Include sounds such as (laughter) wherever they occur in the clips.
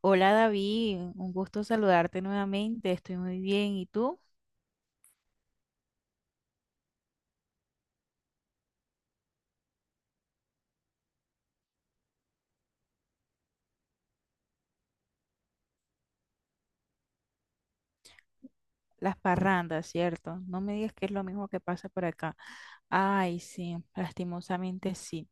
Hola David, un gusto saludarte nuevamente. Estoy muy bien, ¿y tú? Las parrandas, ¿cierto? No me digas que es lo mismo que pasa por acá. Ay, sí, lastimosamente sí.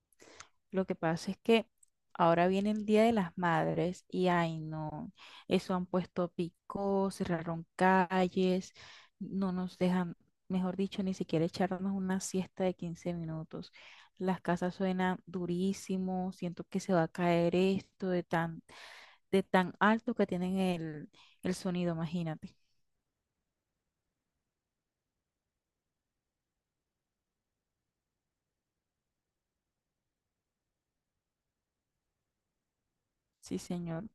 Lo que pasa es que ahora viene el Día de las Madres y, ay, no, eso han puesto picos, cerraron calles, no nos dejan, mejor dicho, ni siquiera echarnos una siesta de 15 minutos. Las casas suenan durísimo, siento que se va a caer esto de tan alto que tienen el sonido, imagínate. Sí, señor.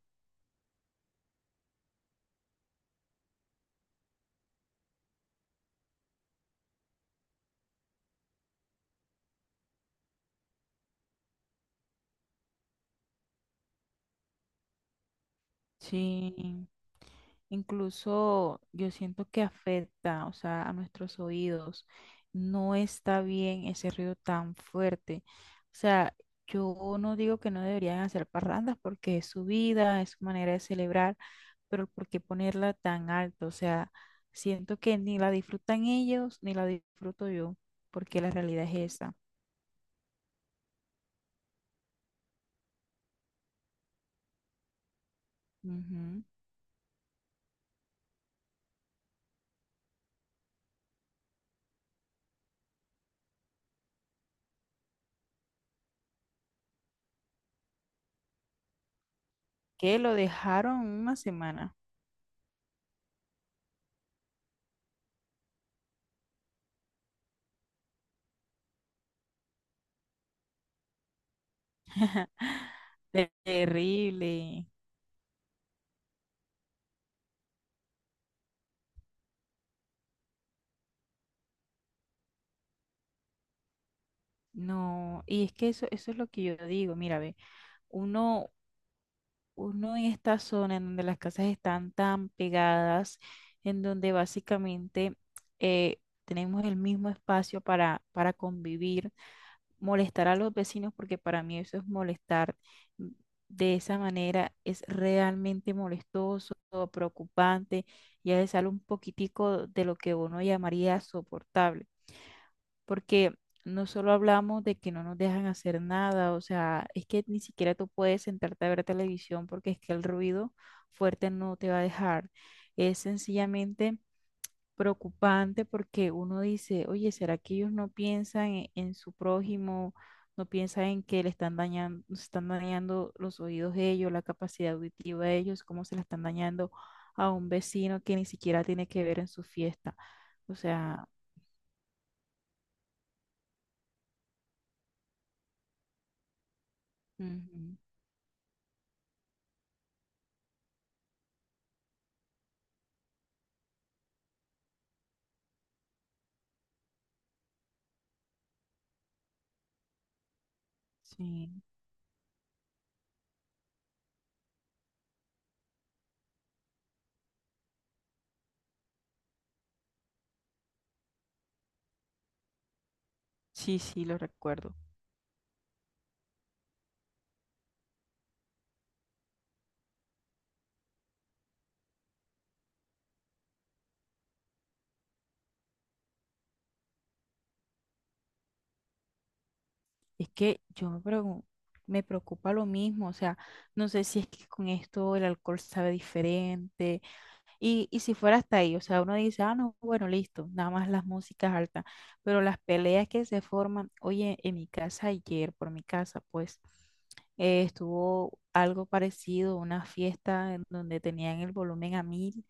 Sí, incluso yo siento que afecta, o sea, a nuestros oídos. No está bien ese ruido tan fuerte. O sea, yo no digo que no deberían hacer parrandas porque es su vida, es su manera de celebrar, pero ¿por qué ponerla tan alto? O sea, siento que ni la disfrutan ellos ni la disfruto yo, porque la realidad es esa. Ujú. Que lo dejaron una semana. (laughs) Terrible. No, y es que eso es lo que yo digo. Mira, ve, uno, uno en esta zona en donde las casas están tan pegadas, en donde básicamente tenemos el mismo espacio para convivir, molestar a los vecinos, porque para mí eso es molestar mm, de esa manera. Es realmente molestoso, preocupante. Ya le sale un poquitico de lo que uno llamaría soportable, porque no solo hablamos de que no nos dejan hacer nada. O sea, es que ni siquiera tú puedes sentarte a ver televisión porque es que el ruido fuerte no te va a dejar. Es sencillamente preocupante, porque uno dice, oye, ¿será que ellos no piensan en su prójimo? No piensan en que le están dañando los oídos de ellos, la capacidad auditiva de ellos, cómo se la están dañando a un vecino que ni siquiera tiene que ver en su fiesta. O sea, ujú, sí, sí, sí, lo recuerdo. Es que me preocupa lo mismo. O sea, no sé si es que con esto el alcohol sabe diferente. Y si fuera hasta ahí, o sea, uno dice, ah, no, bueno, listo, nada más las músicas altas, pero las peleas que se forman, oye, en mi casa ayer, por mi casa, pues estuvo algo parecido, una fiesta en donde tenían el volumen a mil,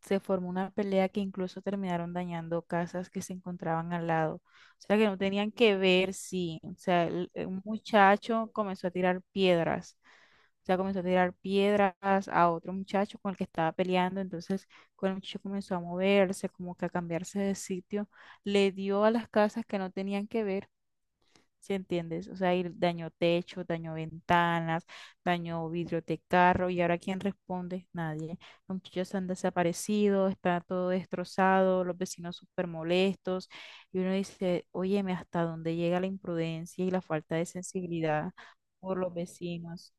se formó una pelea que incluso terminaron dañando casas que se encontraban al lado, o sea, que no tenían que ver. Sí, o sea, un muchacho comenzó a tirar piedras, sea, comenzó a tirar piedras a otro muchacho con el que estaba peleando. Entonces, cuando el muchacho comenzó a moverse, como que a cambiarse de sitio, le dio a las casas que no tenían que ver, ¿sí entiendes? O sea, y dañó techo, dañó ventanas, dañó vidrio de carro. ¿Y ahora quién responde? Nadie. Los muchachos han desaparecido, está todo destrozado, los vecinos súper molestos. Y uno dice, óyeme, ¿hasta dónde llega la imprudencia y la falta de sensibilidad por los vecinos?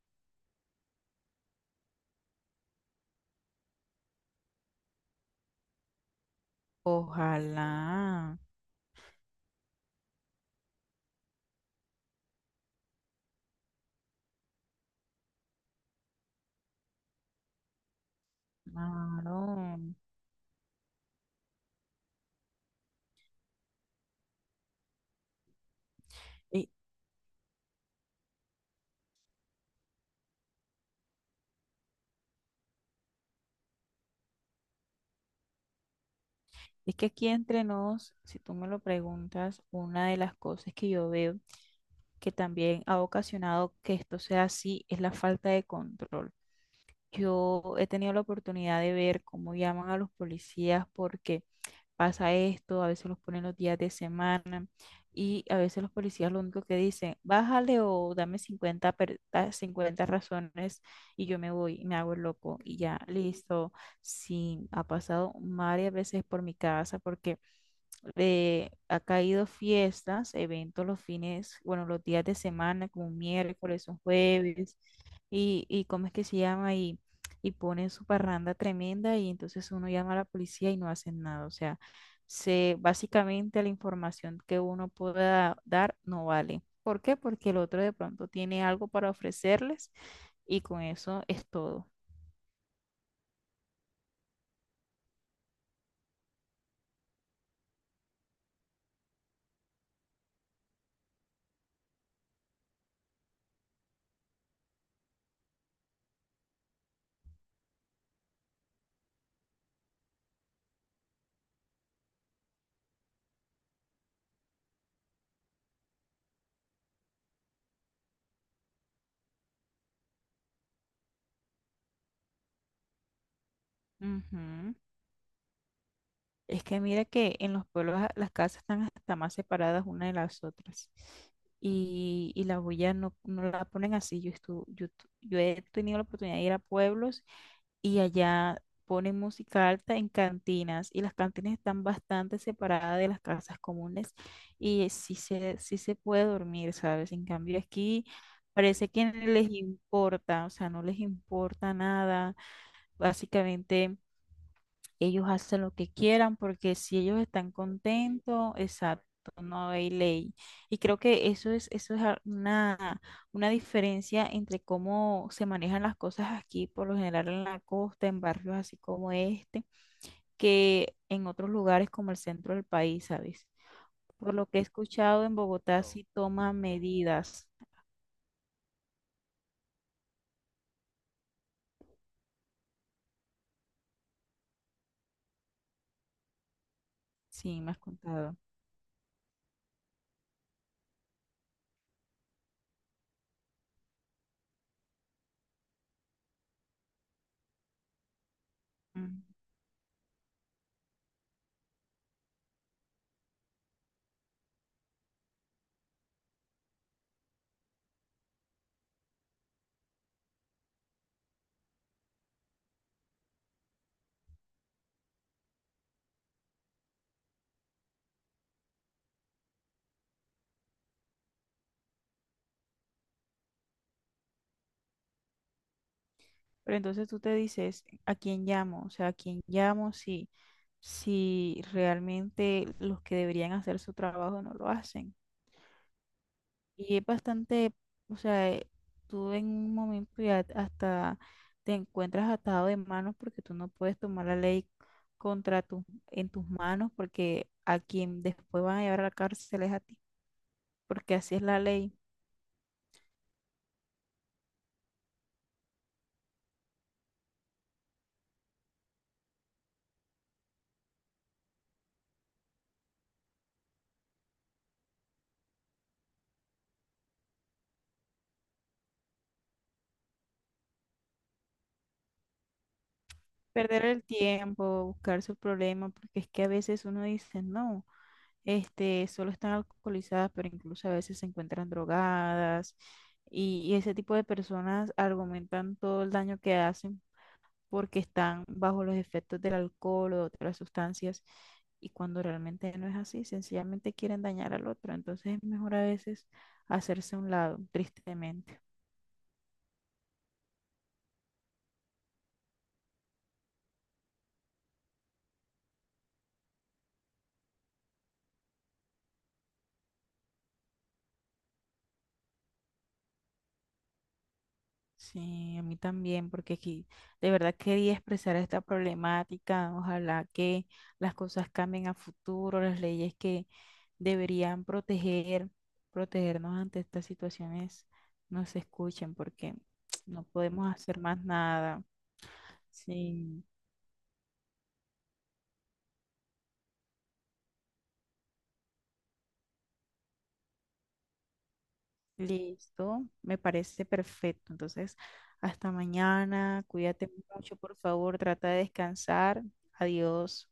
Ojalá, claro. Y- es que aquí entre nos, si tú me lo preguntas, una de las cosas que yo veo que también ha ocasionado que esto sea así es la falta de control. Yo he tenido la oportunidad de ver cómo llaman a los policías porque pasa esto. A veces los ponen los días de semana, y a veces los policías lo único que dicen, bájale, o dame 50 da 50 razones y yo me voy, y me hago el loco y ya, listo. Sí, ha pasado varias veces por mi casa porque ha caído fiestas, eventos los fines, bueno, los días de semana, como un miércoles, un jueves y cómo es que se llama, y ponen su parranda tremenda y entonces uno llama a la policía y no hacen nada. O sea, se, básicamente la información que uno pueda dar no vale. ¿Por qué? Porque el otro de pronto tiene algo para ofrecerles, y con eso es todo. Ujú. Es que mira que en los pueblos las casas están hasta más separadas una de las otras, y la bulla no, no la ponen así. Yo, estu- yo, tu- yo he tenido la oportunidad de ir a pueblos y allá ponen música alta en cantinas, y las cantinas están bastante separadas de las casas comunes, y sí se puede dormir, ¿sabes? En cambio aquí parece que no les importa. O sea, no les importa nada. Básicamente... ellos hacen lo que quieran porque si ellos están contentos, exacto, no hay ley. Y creo que eso es, una diferencia entre cómo se manejan las cosas aquí, por lo general en la costa, en barrios así como este, que en otros lugares como el centro del país, ¿sabes? Por lo que he escuchado, en Bogotá sí toman medidas. Sí, me has contado. Pero entonces tú te dices, ¿a quién llamo? O sea, ¿a quién llamo si realmente los que deberían hacer su trabajo no lo hacen? Y es bastante, o sea, tú en un momento ya hasta te encuentras atado de manos porque tú no puedes tomar la ley contra tus, en tus manos, porque a quien después van a llevar a la cárcel es a ti, porque así es la ley. Perder el tiempo, buscar su problema, porque es que a veces uno dice, no. Este, solo están alcoholizadas, pero incluso a veces se encuentran drogadas. Y ese tipo de personas argumentan todo el daño que hacen porque están bajo los efectos del alcohol o de otras sustancias. Y cuando realmente no es así, sencillamente quieren dañar al otro. Entonces es mejor a veces hacerse a un lado, tristemente. Sí, a mí también, porque aquí de verdad quería expresar esta problemática. Ojalá que las cosas cambien a futuro, las leyes que deberían proteger, protegernos ante estas situaciones, no se escuchen, porque (tsk) no podemos hacer más nada. Sí, listo, me parece perfecto. Entonces, hasta mañana, cuídate mucho, por favor, trata de descansar. Adiós.